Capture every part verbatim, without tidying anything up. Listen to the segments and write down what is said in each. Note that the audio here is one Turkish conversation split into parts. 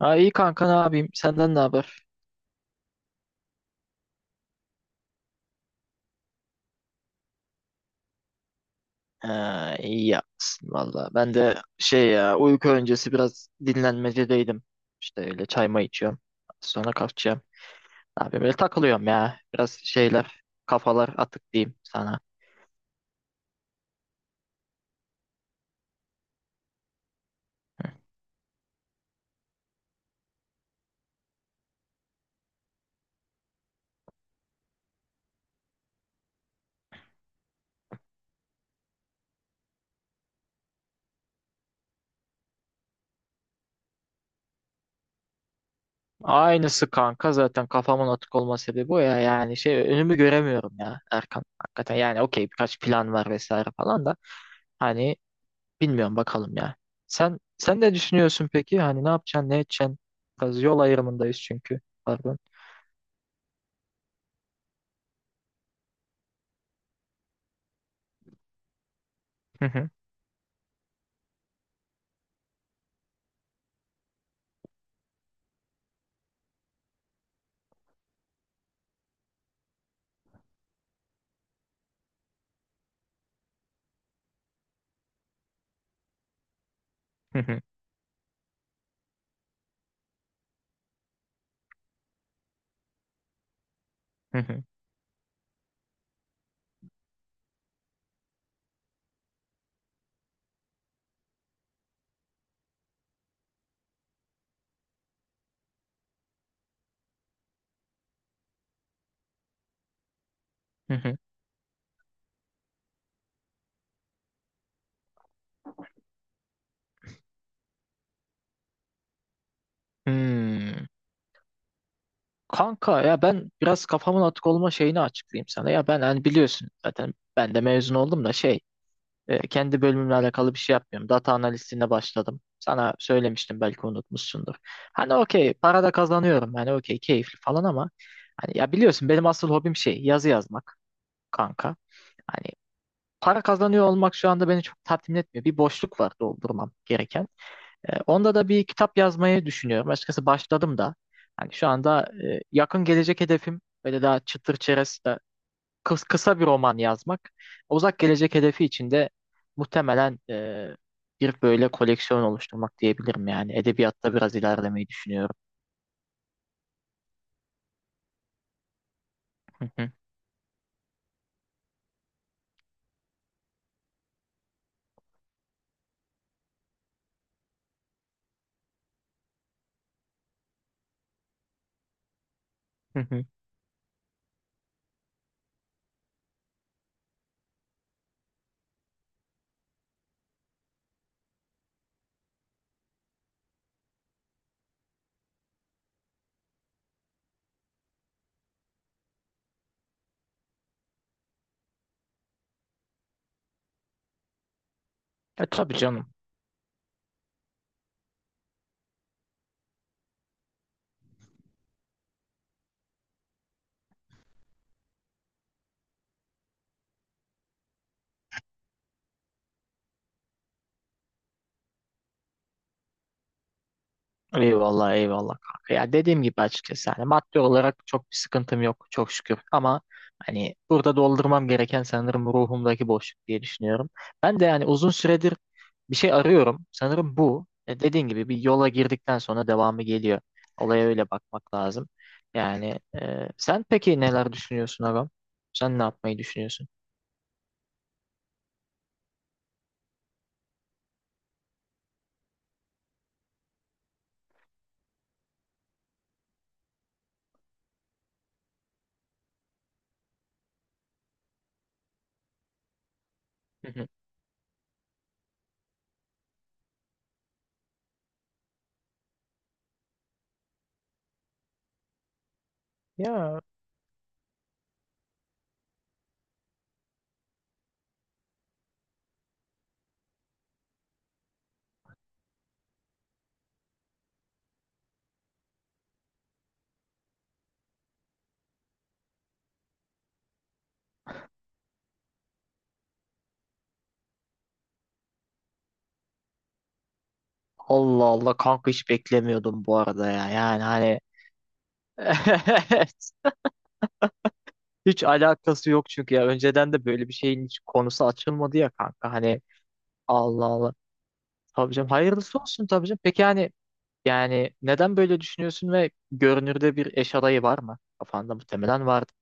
Ha iyi kanka ne yapayım? Senden ne haber? Ha, iyi yapsın valla. Ben de şey ya uyku öncesi biraz dinlenmecedeydim. İşte öyle çay may içiyorum. Sonra kalkacağım. Ne yapayım böyle takılıyorum ya. Biraz şeyler kafalar atık diyeyim sana. Aynısı kanka zaten kafamın atık olma sebebi o ya. Yani şey önümü göremiyorum ya Erkan. Hakikaten yani okey birkaç plan var vesaire falan da. Hani bilmiyorum bakalım ya. Sen sen ne düşünüyorsun peki? Hani ne yapacaksın, ne edeceksin? Biraz yol ayrımındayız çünkü. Pardon. Hı hı, hı hı, hı hı, hı hı. Hmm. Kanka ya ben biraz kafamın atık olma şeyini açıklayayım sana. Ya ben hani biliyorsun zaten ben de mezun oldum da şey e, kendi bölümümle alakalı bir şey yapmıyorum. Data analistliğine başladım. Sana söylemiştim belki unutmuşsundur. Hani okey para da kazanıyorum hani okey keyifli falan ama hani ya biliyorsun benim asıl hobim şey yazı yazmak kanka. Hani para kazanıyor olmak şu anda beni çok tatmin etmiyor. Bir boşluk var doldurmam gereken. E, onda da bir kitap yazmayı düşünüyorum. Açıkçası başladım da. Hani şu anda e, yakın gelecek hedefim böyle daha çıtır çerez de kıs- kısa bir roman yazmak. Uzak gelecek hedefi için de muhtemelen e, bir böyle koleksiyon oluşturmak diyebilirim yani. Edebiyatta biraz ilerlemeyi düşünüyorum. Hı hı, hı hı. E, tabii canım. Eyvallah eyvallah kanka. Ya dediğim gibi açıkçası hani maddi olarak çok bir sıkıntım yok çok şükür ama hani burada doldurmam gereken sanırım ruhumdaki boşluk diye düşünüyorum. Ben de yani uzun süredir bir şey arıyorum. Sanırım bu. E, dediğin gibi bir yola girdikten sonra devamı geliyor. Olaya öyle bakmak lazım. Yani e, sen peki neler düşünüyorsun Agam? Sen ne yapmayı düşünüyorsun? Hı hı. Ya Allah Allah kanka hiç beklemiyordum bu arada ya. Yani hani Hiç alakası yok çünkü ya önceden de böyle bir şeyin hiç konusu açılmadı ya kanka hani Allah Allah. Tabii canım hayırlısı olsun tabii canım. Peki yani yani neden böyle düşünüyorsun ve görünürde bir eş adayı var mı? Kafanda muhtemelen vardı.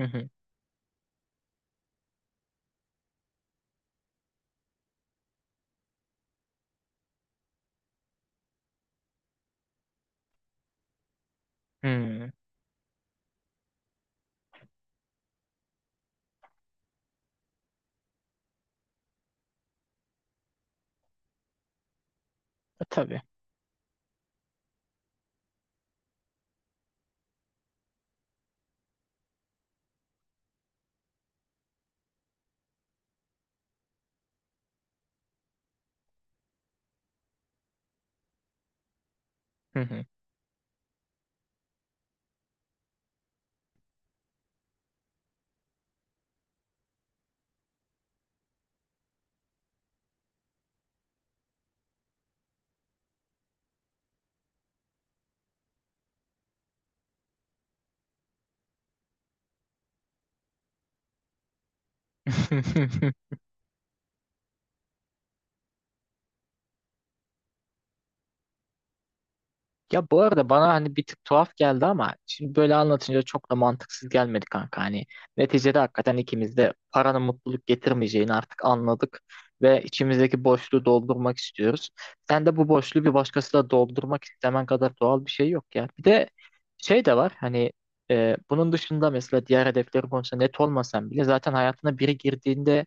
Hı hı. Hmm. E, tabii. Hı hı. Ya bu arada bana hani bir tık tuhaf geldi ama şimdi böyle anlatınca çok da mantıksız gelmedi kanka. Hani neticede hakikaten ikimiz de paranın mutluluk getirmeyeceğini artık anladık ve içimizdeki boşluğu doldurmak istiyoruz. Sen de bu boşluğu bir doğaldırmak doldurmak istemen kadar doğal bir şey yok ya. Bir de şey de var hani e, bunun dışında mesela diğer hedefleri konusunda net olmasan bile zaten hayatına biri girdiğinde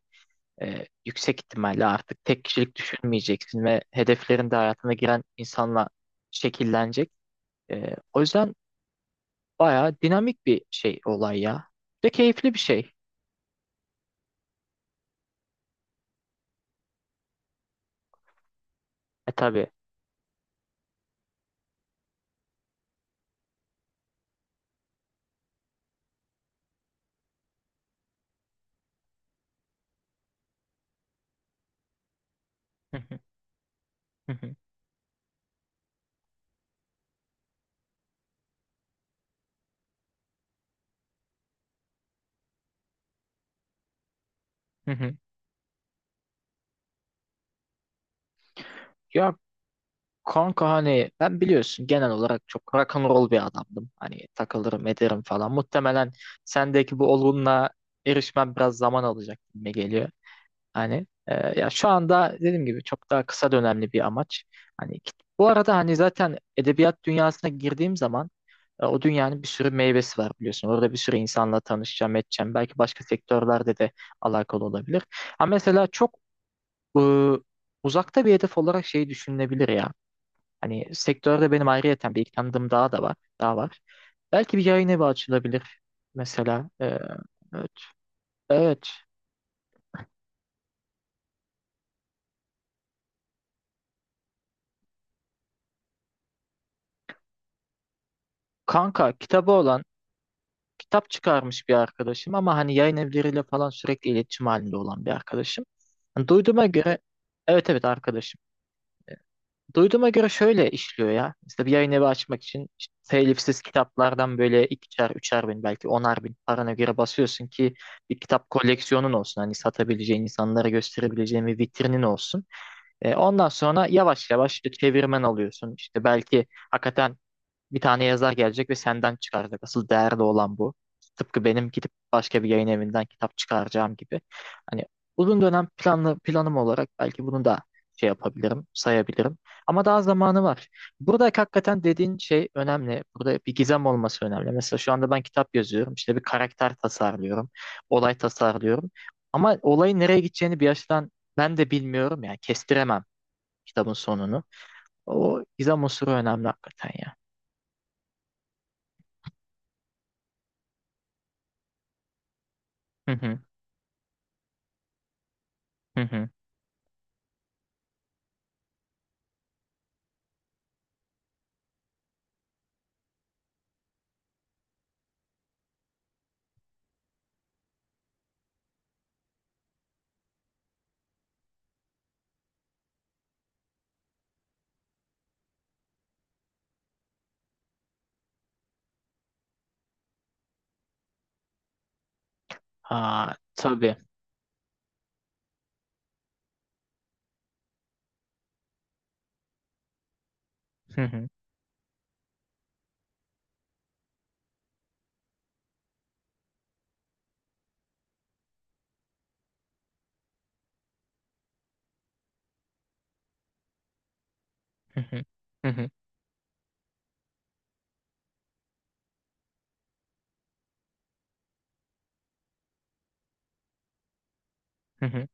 e, yüksek ihtimalle artık tek kişilik düşünmeyeceksin ve hedeflerin de hayatına giren insanla şekillenecek. Ee, o yüzden bayağı dinamik bir şey olay ya. Ve keyifli bir şey. E tabii. Hı hı, hı hı, hı hı. Ya kanka hani ben biliyorsun genel olarak çok rock and roll bir adamdım. Hani takılırım ederim falan. Muhtemelen sendeki bu olgunluğa erişmem biraz zaman alacak gibi geliyor. Hani e, ya şu anda dediğim gibi çok daha kısa dönemli bir amaç. Hani bu arada hani zaten edebiyat dünyasına girdiğim zaman, E, o dünyanın bir sürü meyvesi var biliyorsun. Orada bir sürü insanla tanışacağım, edeceğim. Belki başka sektörlerde de alakalı olabilir. Ama mesela çok e, uzakta bir hedef olarak şey düşünülebilir ya. Hani sektörde benim ayrıyeten bir ilk tanıdığım daha da var, daha var. Belki bir yayın evi açılabilir mesela. E, evet. Evet. Kanka kitabı olan, kitap çıkarmış bir arkadaşım ama hani yayın evleriyle falan sürekli iletişim halinde olan bir arkadaşım. Hani duyduğuma göre evet evet arkadaşım. Duyduğuma göre şöyle işliyor ya. İşte bir yayın evi açmak için işte telifsiz kitaplardan böyle ikişer, üçer bin belki onar bin parana göre basıyorsun ki bir kitap koleksiyonun olsun. Hani satabileceğin, insanlara gösterebileceğin bir vitrinin olsun. E, ondan sonra yavaş yavaş işte çevirmen alıyorsun. İşte belki hakikaten bir tane yazar gelecek ve senden çıkaracak. Asıl değerli olan bu. Tıpkı benim gidip başka bir yayın evinden kitap çıkaracağım gibi. Hani uzun dönem planlı planım olarak belki bunu da şey yapabilirim, sayabilirim. Ama daha zamanı var. Burada hakikaten dediğin şey önemli. Burada bir gizem olması önemli. Mesela şu anda ben kitap yazıyorum. İşte bir karakter tasarlıyorum. Olay tasarlıyorum. Ama olayın nereye gideceğini bir açıdan ben de bilmiyorum. Yani kestiremem kitabın sonunu. O gizem unsuru önemli hakikaten ya. Hı hı. Hı hı. Aa, tabii. Hı hı, hı hı, hı hı, hı hı.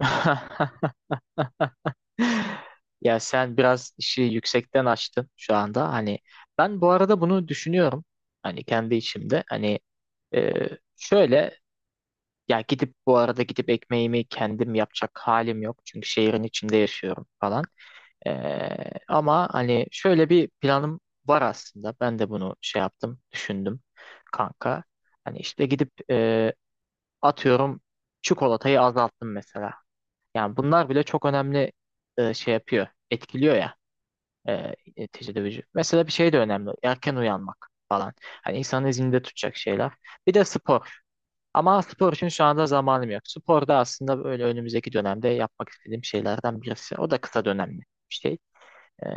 Ya sen biraz işi yüksekten açtın şu anda. Hani ben bu arada bunu düşünüyorum. Hani kendi içimde. Hani e, şöyle ya gidip bu arada gidip ekmeğimi kendim yapacak halim yok. Çünkü şehrin içinde yaşıyorum falan. Ee, ama hani şöyle bir planım var aslında. Ben de bunu şey yaptım, düşündüm kanka. Hani işte gidip e, atıyorum çikolatayı azalttım mesela. Yani bunlar bile çok önemli e, şey yapıyor. Etkiliyor ya e, neticede vücut. Mesela bir şey de önemli. Erken uyanmak falan. Hani insanı zinde tutacak şeyler. Bir de spor. Ama spor için şu anda zamanım yok. Spor da aslında böyle önümüzdeki dönemde yapmak istediğim şeylerden birisi. O da kısa dönemli bir şey. E,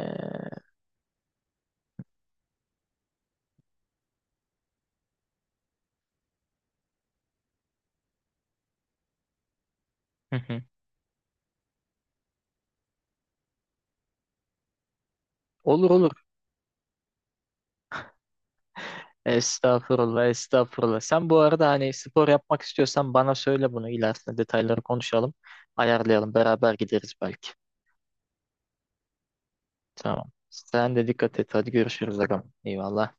hı hı. Olur olur. Estağfurullah, estağfurullah. Sen bu arada hani spor yapmak istiyorsan bana söyle bunu. İlerisinde detayları konuşalım. Ayarlayalım. Beraber gideriz belki. Tamam. Sen de dikkat et. Hadi görüşürüz agam. Eyvallah.